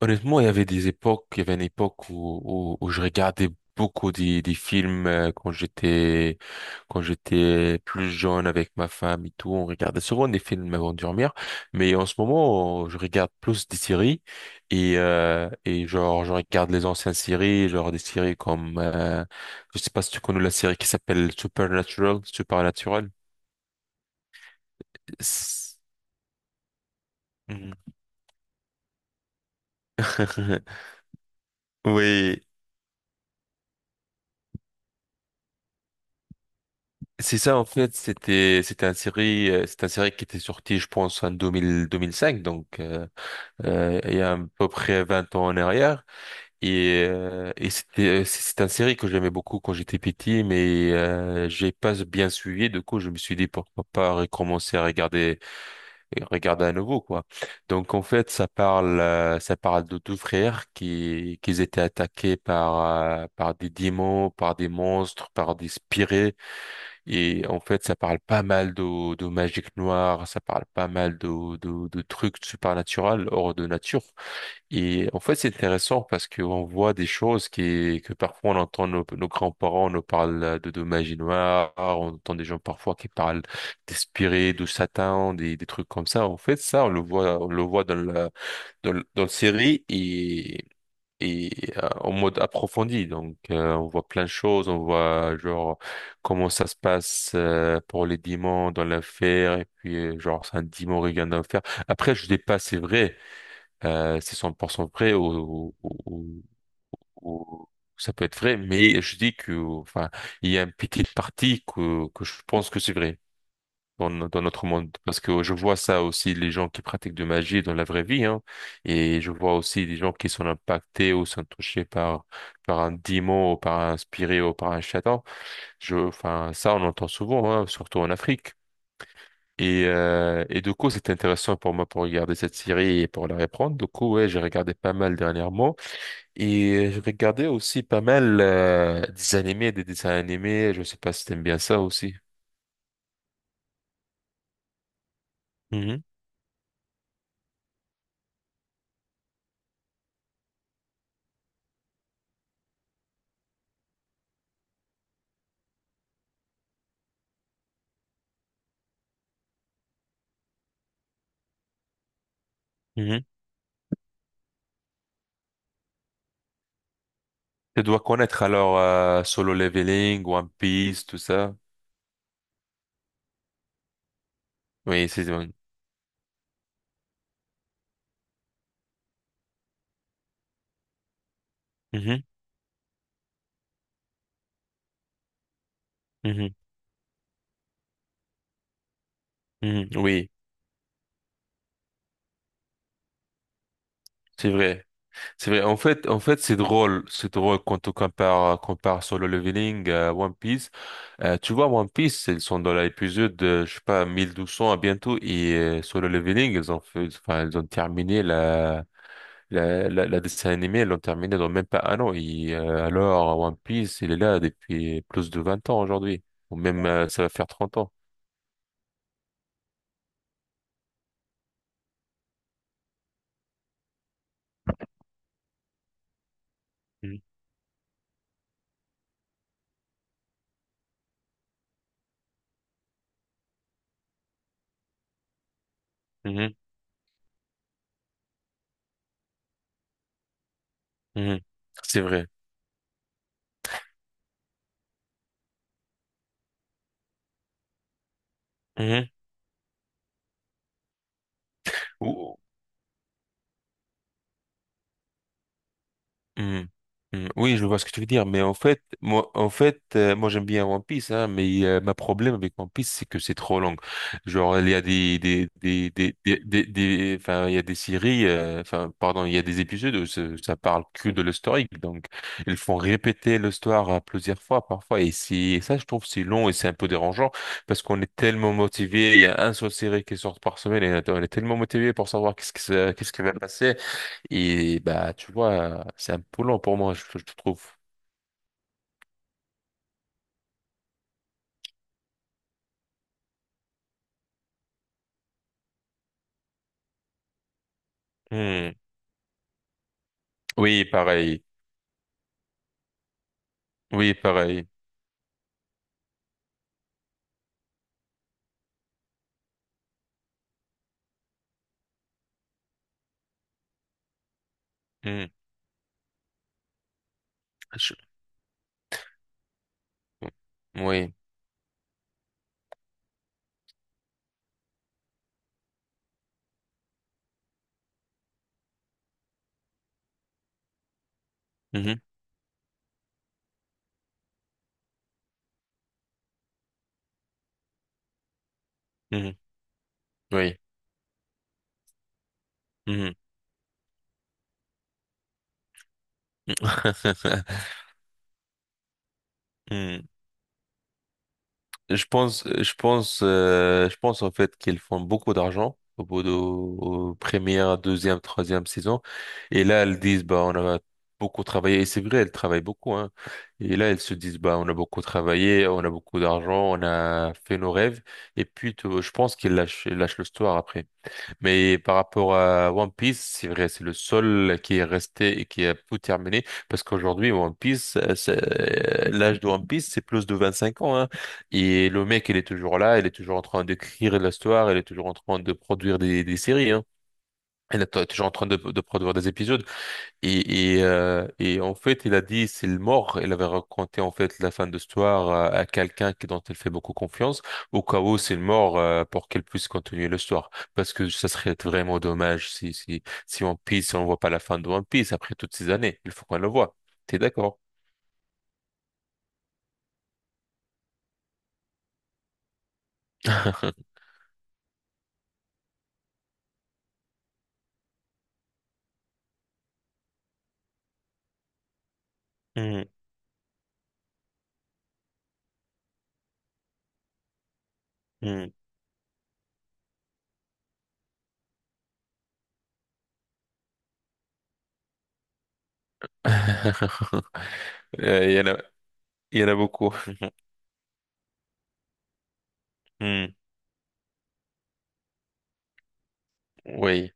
Honnêtement, il y avait des époques, il y avait une époque où je regardais beaucoup des films quand j'étais plus jeune avec ma femme et tout. On regardait souvent des films avant de dormir, mais en ce moment, je regarde plus des séries et genre je regarde les anciennes séries, genre des séries comme je sais pas si tu connais la série qui s'appelle Supernatural, Supernatural. C'est- Oui, c'est ça, en fait, c'est un série qui était sorti, je pense, en 2000 2005, donc il y a à peu près 20 ans en arrière. Et c'est un série que j'aimais beaucoup quand j'étais petit, mais j'ai pas bien suivi. Du coup, je me suis dit pourquoi pas recommencer à regarder et regarder à nouveau, quoi. Donc en fait, ça parle de deux frères qui étaient attaqués par des démons, par des monstres, par des spirits et en fait, ça parle pas mal de magie noire, ça parle pas mal de trucs surnaturels hors de nature. Et en fait, c'est intéressant parce qu'on voit des choses que parfois on entend nos grands-parents nous parlent de magie noire, on entend des gens parfois qui parlent d'esprit, de Satan, des trucs comme ça. En fait, ça, on le voit dans la série et en mode approfondi. Donc, on voit plein de choses, on voit genre comment ça se passe pour les diamants dans l'affaire, et puis genre c'est un diamant regagne dans l'affaire. Après, je dis pas c'est vrai, c'est 100% vrai ou- ou- ou ça peut être vrai, mais je dis que enfin il y a une petite partie que je pense que c'est vrai dans, no- dans notre monde. Parce que je vois ça aussi, les gens qui pratiquent de magie dans la vraie vie, hein, et je vois aussi les gens qui sont impactés ou sont touchés par un démon ou par un spirit ou par un châtain. Enfin, ça, on entend souvent, hein, surtout en Afrique. Et du coup, c'est intéressant pour moi pour regarder cette série et pour la reprendre. Du coup, ouais, j'ai regardé pas mal dernièrement. Et j'ai regardé aussi pas mal des animés, des dessins animés. Je sais pas si t'aimes bien ça aussi. Mhm, mhm. Tu dois connaître alors Solo Leveling, One Piece, tout ça. Oui, c'est vrai. Mhm, mhm, mhm. Oui, c'est vrai. C'est vrai. En fait, c'est drôle. C'est drôle quand on compare Solo Leveling à One Piece. Tu vois, One Piece, ils sont dans l'épisode, de, je sais pas, 1200 à bientôt. Solo Leveling, enfin, ils ont terminé la dessin animé, ils l'ont terminé dans même pas un an. Alors, One Piece, il est là depuis plus de 20 ans aujourd'hui. Ou même, ça va faire 30 ans. Mhm, mhm, mhm. C'est vrai. Mhm. Ou- Hmm. Hmm. Oui, je vois ce que tu veux dire, mais en fait, moi j'aime bien One Piece, hein, mais ma problème avec One Piece, c'est que c'est trop long. Genre, il y a des- enfin, il y a des séries, enfin, pardon, il y a des épisodes où ça parle que de l'historique, donc ils font répéter l'histoire plusieurs fois, parfois, et ça, je trouve, c'est long et c'est un peu dérangeant parce qu'on est tellement motivé. Il y a un seule série qui sort par semaine et on est tellement motivé pour savoir qu'est-ce qui va passer. Et bah, tu vois, c'est un peu long pour moi, je trouve. Hmm. Oui, pareil. Oui, pareil. Hmm. Je- Oui. Mhm. Mhm. Oui. Mhm. Hmm. Je pense en fait qu'ils font beaucoup d'argent au bout de aux première, deuxième, troisième saison. Et là, elles disent, bah, on a beaucoup travaillé. Et c'est vrai, elles travaillent beaucoup, hein. Et là, elles se disent, bah, on a beaucoup travaillé, on a beaucoup d'argent, on a fait nos rêves. Et puis, je pense qu'ils lâchent le store après. Mais par rapport à One Piece, c'est vrai, c'est le seul qui est resté et qui a tout terminé. Parce qu'aujourd'hui, One Piece, l'âge de One Piece, c'est plus de 25 ans. Hein. Et le mec, il est toujours là, il est toujours en train d'écrire l'histoire, il est toujours en train de produire des séries. Hein. Il est toujours en train de produire des épisodes. Et en fait, il a dit c'est le mort. Il avait raconté en fait la fin de l'histoire à quelqu'un dont elle fait beaucoup confiance, au cas où c'est le mort pour qu'elle puisse continuer l'histoire. Parce que ça serait vraiment dommage si One Piece on voit pas la fin de One Piece après toutes ces années. Il faut qu'on le voit. T'es d'accord? Hmm, hmm. Il y en a, il y en a beaucoup. Hmm, oui.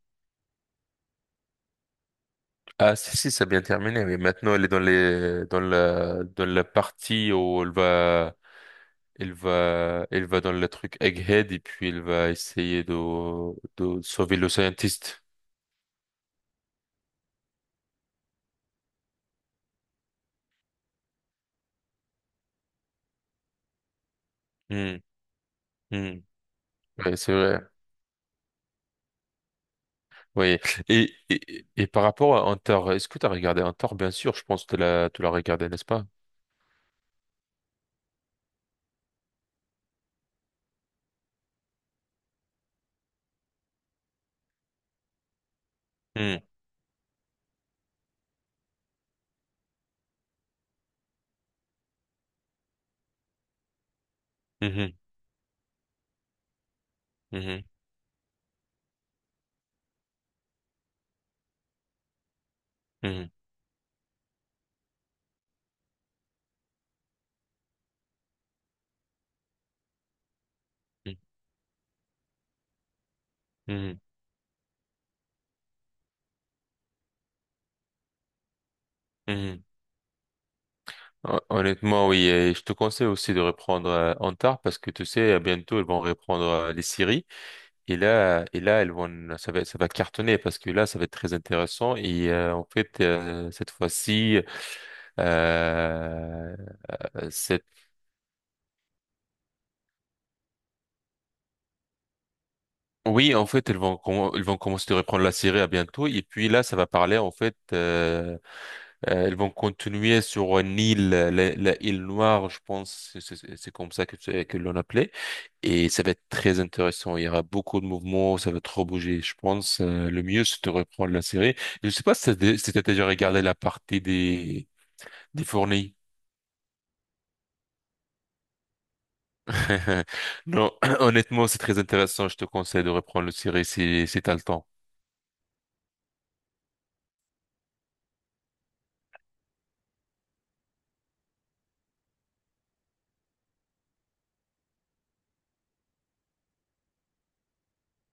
Ah, si, si, ça a bien terminé. Mais maintenant, elle est dans la partie où elle va, Il va, il va dans le truc Egghead et puis il va essayer de sauver le scientiste. Hmm, hmm. Ouais, c'est vrai. Oui. Et par rapport à Hunter, est-ce que tu as regardé Hunter? Bien sûr, je pense que tu l'as regardé, n'est-ce pas? Hmm, mhm, mhm, mhm, mhm, mhm. Honnêtement, oui. Et je te conseille aussi de reprendre Hunter parce que tu sais, bientôt, ils vont reprendre les séries. Et là, elles vont, ça va cartonner parce que là, ça va être très intéressant. En fait, cette fois-ci, euh, cette- oui, en fait, ils vont commencer de reprendre la série à bientôt. Et puis là, ça va parler, en fait, ils vont continuer sur une île, la île Noire, je pense, c'est comme ça que, que l'on appelait. Et ça va être très intéressant. Il y aura beaucoup de mouvements, ça va trop bouger. Je pense, le mieux, c'est de reprendre la série. Je sais pas si t'as déjà regardé la partie des fournis. Non, honnêtement, c'est très intéressant. Je te conseille de reprendre la série si t'as le temps.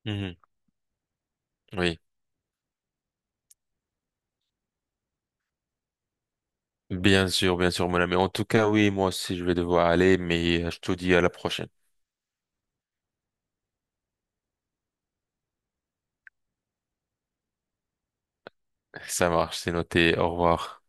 Mhm. Oui. Bien sûr, mon ami. En tout cas, oui, moi aussi, je vais devoir aller, mais je te dis à la prochaine. Ça marche, c'est noté. Au revoir.